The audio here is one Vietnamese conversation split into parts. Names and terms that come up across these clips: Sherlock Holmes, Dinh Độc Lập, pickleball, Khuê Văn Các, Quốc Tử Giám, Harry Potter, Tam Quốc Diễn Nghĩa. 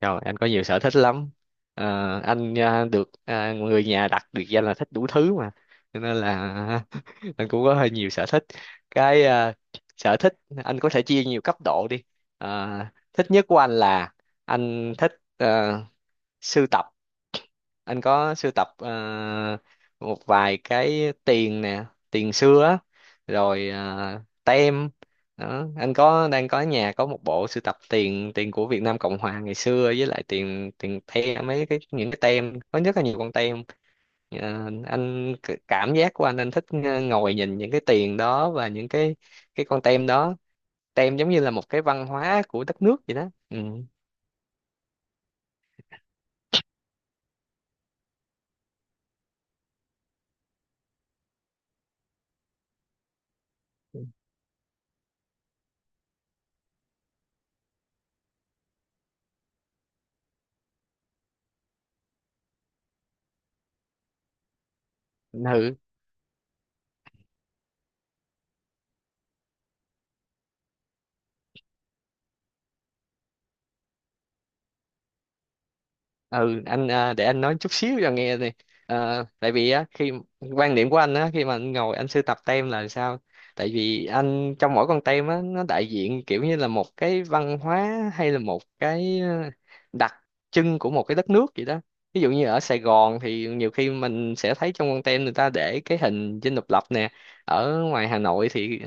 Rồi, anh có nhiều sở thích lắm. Ờ, anh à, được à, người nhà đặt biệt danh là thích đủ thứ mà. Cho nên là anh cũng có hơi nhiều sở thích. Cái à, sở thích anh có thể chia nhiều cấp độ đi. Ờ, thích nhất của anh là anh thích sưu tập, anh có sưu tập một vài cái tiền nè, tiền xưa á, rồi tem đó. Anh có, đang có ở nhà có một bộ sưu tập tiền tiền của Việt Nam Cộng Hòa ngày xưa, với lại tiền tiền tem, mấy cái những cái tem, có rất là nhiều con tem. Anh cảm giác của anh thích ngồi nhìn những cái tiền đó và những cái con tem đó, tem giống như là một cái văn hóa của đất nước vậy đó. Ừ. Ừ, ừ, anh à, để anh nói chút xíu cho nghe nè. Tại vì á, khi quan điểm của anh á, khi mà anh ngồi anh sưu tập tem là sao, tại vì anh, trong mỗi con tem á, nó đại diện kiểu như là một cái văn hóa hay là một cái đặc trưng của một cái đất nước vậy đó. Ví dụ như ở Sài Gòn thì nhiều khi mình sẽ thấy trong con tem người ta để cái hình Dinh Độc Lập nè, ở ngoài Hà Nội thì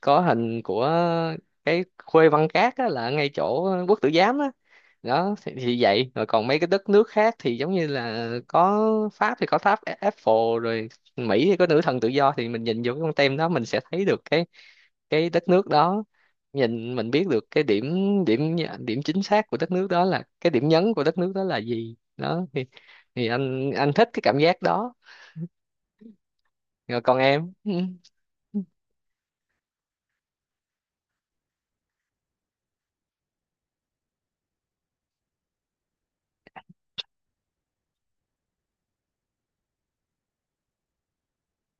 có hình của cái Khuê Văn Các á, là ngay chỗ Quốc Tử Giám á. Đó thì, vậy rồi còn mấy cái đất nước khác thì giống như là có Pháp thì có tháp Eiffel rồi, Mỹ thì có nữ thần tự do, thì mình nhìn vô cái con tem đó mình sẽ thấy được cái đất nước đó, nhìn mình biết được cái điểm, điểm chính xác của đất nước đó, là cái điểm nhấn của đất nước đó là gì đó. Thì anh thích cái cảm giác đó. Rồi còn em. Ừ.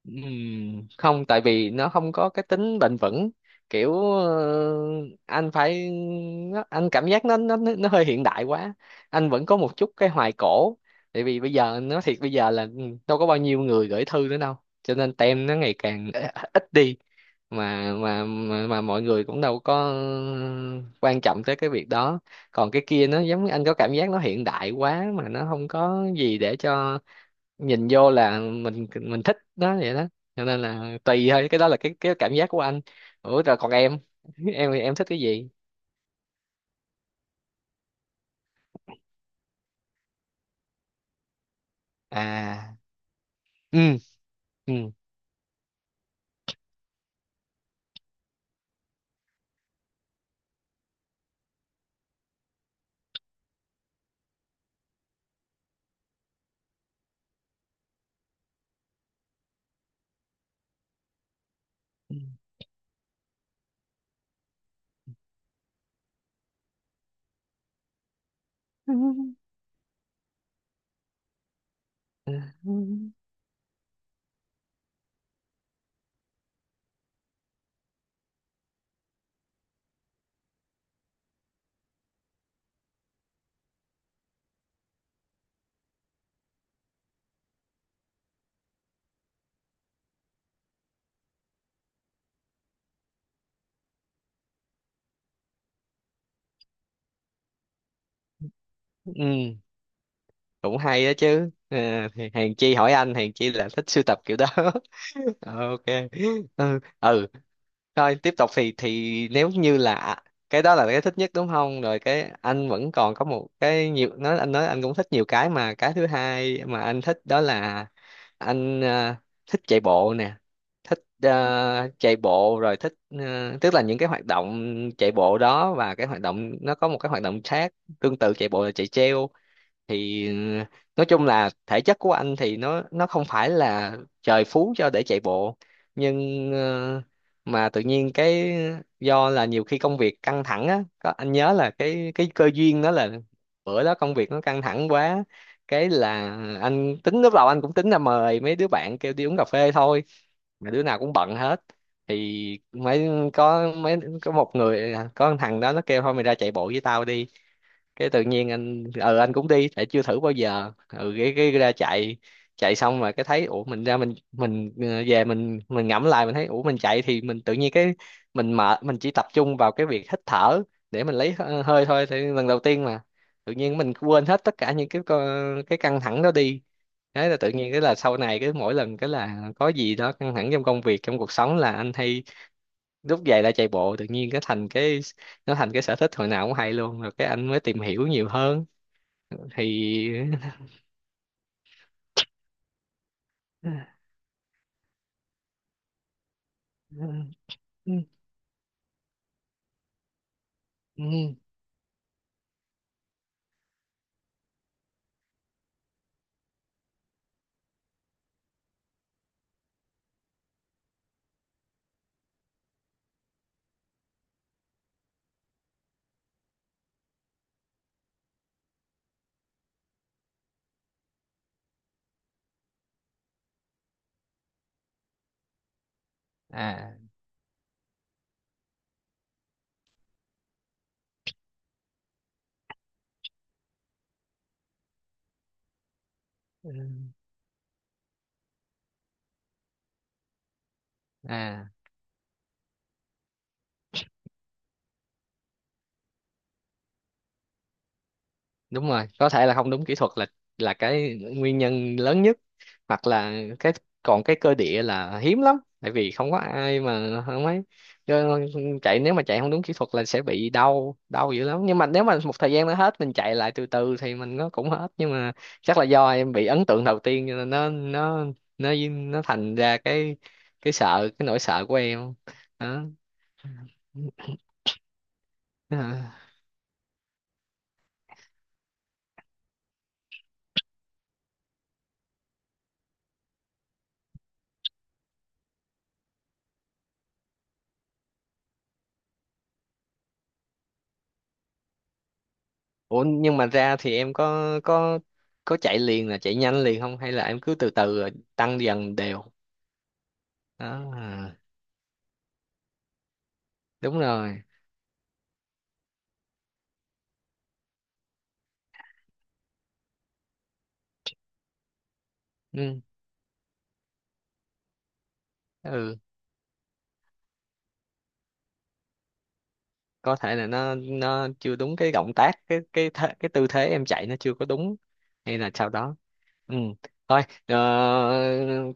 Không, tại vì nó không có cái tính bền vững, kiểu anh phải, anh cảm giác nó nó hơi hiện đại quá. Anh vẫn có một chút cái hoài cổ, tại vì bây giờ nói thiệt, bây giờ là, ừ, đâu có bao nhiêu người gửi thư nữa đâu, cho nên tem nó ngày càng ít đi, mà mọi người cũng đâu có quan trọng tới cái việc đó. Còn cái kia nó giống, anh có cảm giác nó hiện đại quá mà nó không có gì để cho nhìn vô là mình thích đó vậy đó, cho nên là tùy thôi, cái đó là cái cảm giác của anh. Ủa rồi còn em, em thì em thích cái gì? À, ừ, ừ. Ừ. Ừ, cũng hay đó chứ. À, thì Hèn Chi hỏi anh, Hèn Chi là thích sưu tập kiểu đó. OK. Ừ, ừ. Thôi tiếp tục thì, nếu như là cái đó là cái thích nhất, đúng không? Rồi cái anh vẫn còn có một cái, nhiều, nói anh, nói anh cũng thích nhiều cái, mà cái thứ hai mà anh thích đó là anh thích chạy bộ nè. Thích chạy bộ, rồi thích tức là những cái hoạt động chạy bộ đó, và cái hoạt động, nó có một cái hoạt động khác tương tự chạy bộ là chạy treo. Thì nói chung là thể chất của anh thì nó không phải là trời phú cho để chạy bộ, nhưng mà tự nhiên cái, do là nhiều khi công việc căng thẳng á, có anh nhớ là cái cơ duyên đó là, bữa đó công việc nó căng thẳng quá, cái là anh tính, lúc đầu anh cũng tính là mời mấy đứa bạn kêu đi uống cà phê thôi, mà đứa nào cũng bận hết. Thì mấy, có mấy, có một người, à, có một thằng đó nó kêu thôi mày ra chạy bộ với tao đi, cái tự nhiên anh ừ, anh cũng đi tại chưa thử bao giờ, ừ, cái ra chạy. Chạy xong mà cái thấy, ủa mình ra mình, về mình ngẫm lại mình thấy ủa mình chạy thì mình tự nhiên cái, mình mệt mình chỉ tập trung vào cái việc hít thở, để mình lấy hơi thôi, thì lần đầu tiên mà tự nhiên mình quên hết tất cả những cái căng thẳng đó đi. Thế là tự nhiên cái là sau này, cái mỗi lần cái là có gì đó căng thẳng trong công việc, trong cuộc sống là anh hay lúc về lại chạy bộ, tự nhiên cái thành cái, nó thành cái sở thích hồi nào cũng hay luôn, rồi cái anh mới tìm hiểu nhiều hơn. Thì à, à, đúng rồi, có thể là không đúng kỹ thuật, là cái nguyên nhân lớn nhất, hoặc là cái, còn cái cơ địa là hiếm lắm tại vì không có ai mà không ấy, chứ chạy, nếu mà chạy không đúng kỹ thuật là sẽ bị đau, đau dữ lắm, nhưng mà nếu mà một thời gian nó hết, mình chạy lại từ từ thì mình, nó cũng hết, nhưng mà chắc là do em bị ấn tượng đầu tiên cho nên nó thành ra cái nỗi sợ của em đó. À. Ủa, nhưng mà ra thì em có chạy liền là chạy nhanh liền không, hay là em cứ từ từ rồi tăng dần đều? À, đúng rồi. Ừ, ừ, có thể là nó chưa đúng cái động tác, cái cái tư thế em chạy nó chưa có đúng hay là sau đó. Ừ, thôi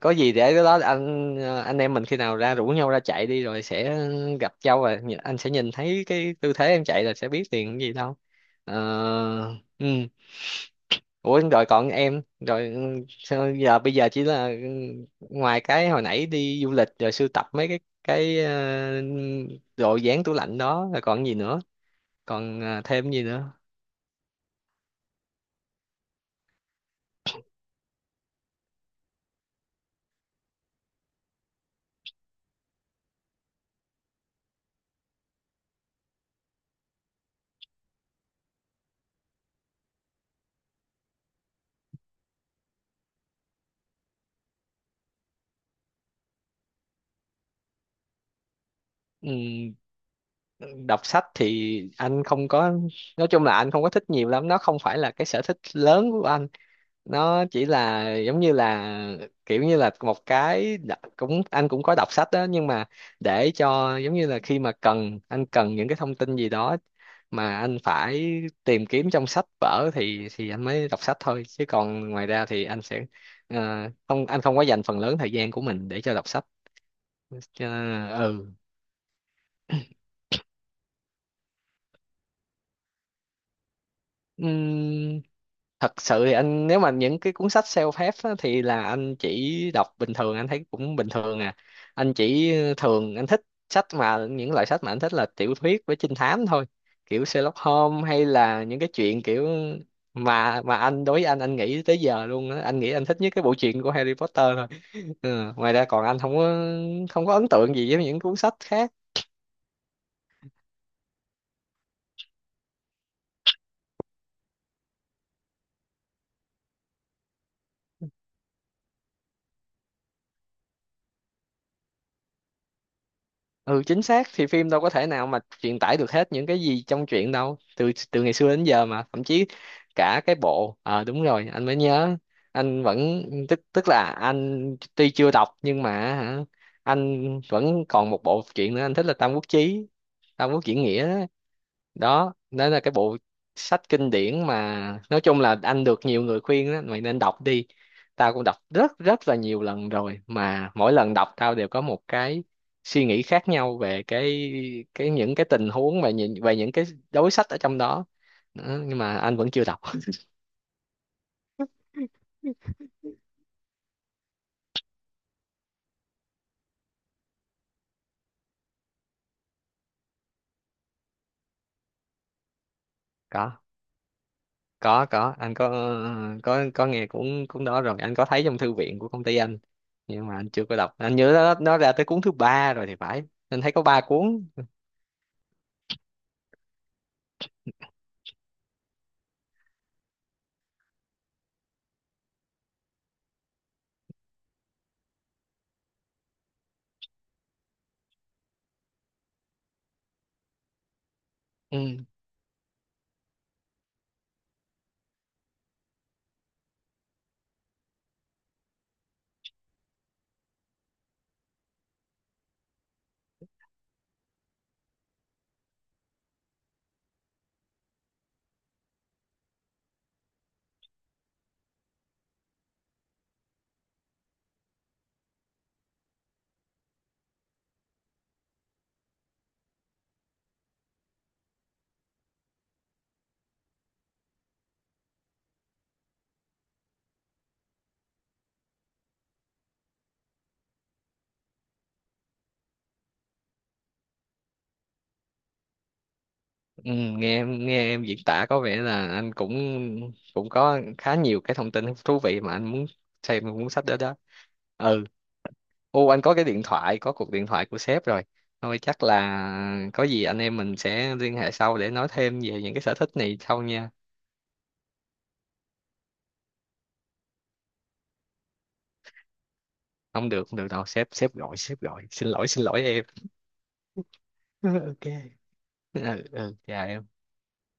có gì để cái đó, anh em mình khi nào ra rủ nhau ra chạy đi rồi sẽ gặp nhau, và anh sẽ nhìn thấy cái tư thế em chạy là sẽ biết liền cái gì đâu. Ờ, ừ. Ủa rồi còn em, rồi, sao giờ bây giờ chỉ là ngoài cái hồi nãy đi du lịch rồi sưu tập mấy cái đồ dán tủ lạnh đó, rồi còn gì nữa, còn thêm gì nữa? Ừm, đọc sách thì anh không có, nói chung là anh không có thích nhiều lắm, nó không phải là cái sở thích lớn của anh, nó chỉ là giống như là kiểu như là cũng anh cũng có đọc sách đó, nhưng mà để cho giống như là khi mà anh cần những cái thông tin gì đó mà anh phải tìm kiếm trong sách vở thì, anh mới đọc sách thôi, chứ còn ngoài ra thì anh sẽ không, anh không có dành phần lớn thời gian của mình để cho đọc sách. Ừ. Thật sự thì anh, nếu mà những cái cuốn sách self-help á, thì là anh chỉ đọc bình thường, anh thấy cũng bình thường à. Anh chỉ thường anh thích sách, mà những loại sách mà anh thích là tiểu thuyết với trinh thám thôi, kiểu Sherlock Holmes hay là những cái chuyện kiểu, mà anh, đối với anh nghĩ tới giờ luôn á, anh nghĩ anh thích nhất cái bộ truyện của Harry Potter thôi. Ừ. Ngoài ra còn anh không có ấn tượng gì với những cuốn sách khác. Ừ, chính xác, thì phim đâu có thể nào mà truyền tải được hết những cái gì trong truyện đâu từ, từ ngày xưa đến giờ, mà thậm chí cả cái bộ, đúng rồi, anh mới nhớ, anh vẫn, tức tức là anh tuy chưa đọc nhưng mà, hả, anh vẫn còn một bộ truyện nữa anh thích là Tam Quốc Chí, Tam Quốc Diễn Nghĩa đó. Đó là cái bộ sách kinh điển, mà nói chung là anh được nhiều người khuyên đó, mày nên đọc đi, tao cũng đọc rất rất là nhiều lần rồi, mà mỗi lần đọc tao đều có một cái suy nghĩ khác nhau về cái, những cái tình huống và nhìn về những cái đối sách ở trong đó. Đó, nhưng mà anh vẫn chưa đọc. có có anh có, có nghe, cũng cũng đó, rồi anh có thấy trong thư viện của công ty anh, nhưng mà anh chưa có đọc. Anh nhớ nó ra tới cuốn thứ ba rồi thì phải, anh thấy có ba cuốn. Ừ. Ừ, nghe em diễn tả có vẻ là anh cũng, có khá nhiều cái thông tin thú vị mà anh muốn xem cuốn sách đó đó. Ừ. Ô, anh có cái điện thoại, có cuộc điện thoại của sếp rồi, thôi chắc là có gì anh em mình sẽ liên hệ sau để nói thêm về những cái sở thích này sau nha. Không được, không được đâu, sếp sếp gọi, sếp gọi, xin lỗi, xin lỗi em. OK. Ừ, ừ, chào em.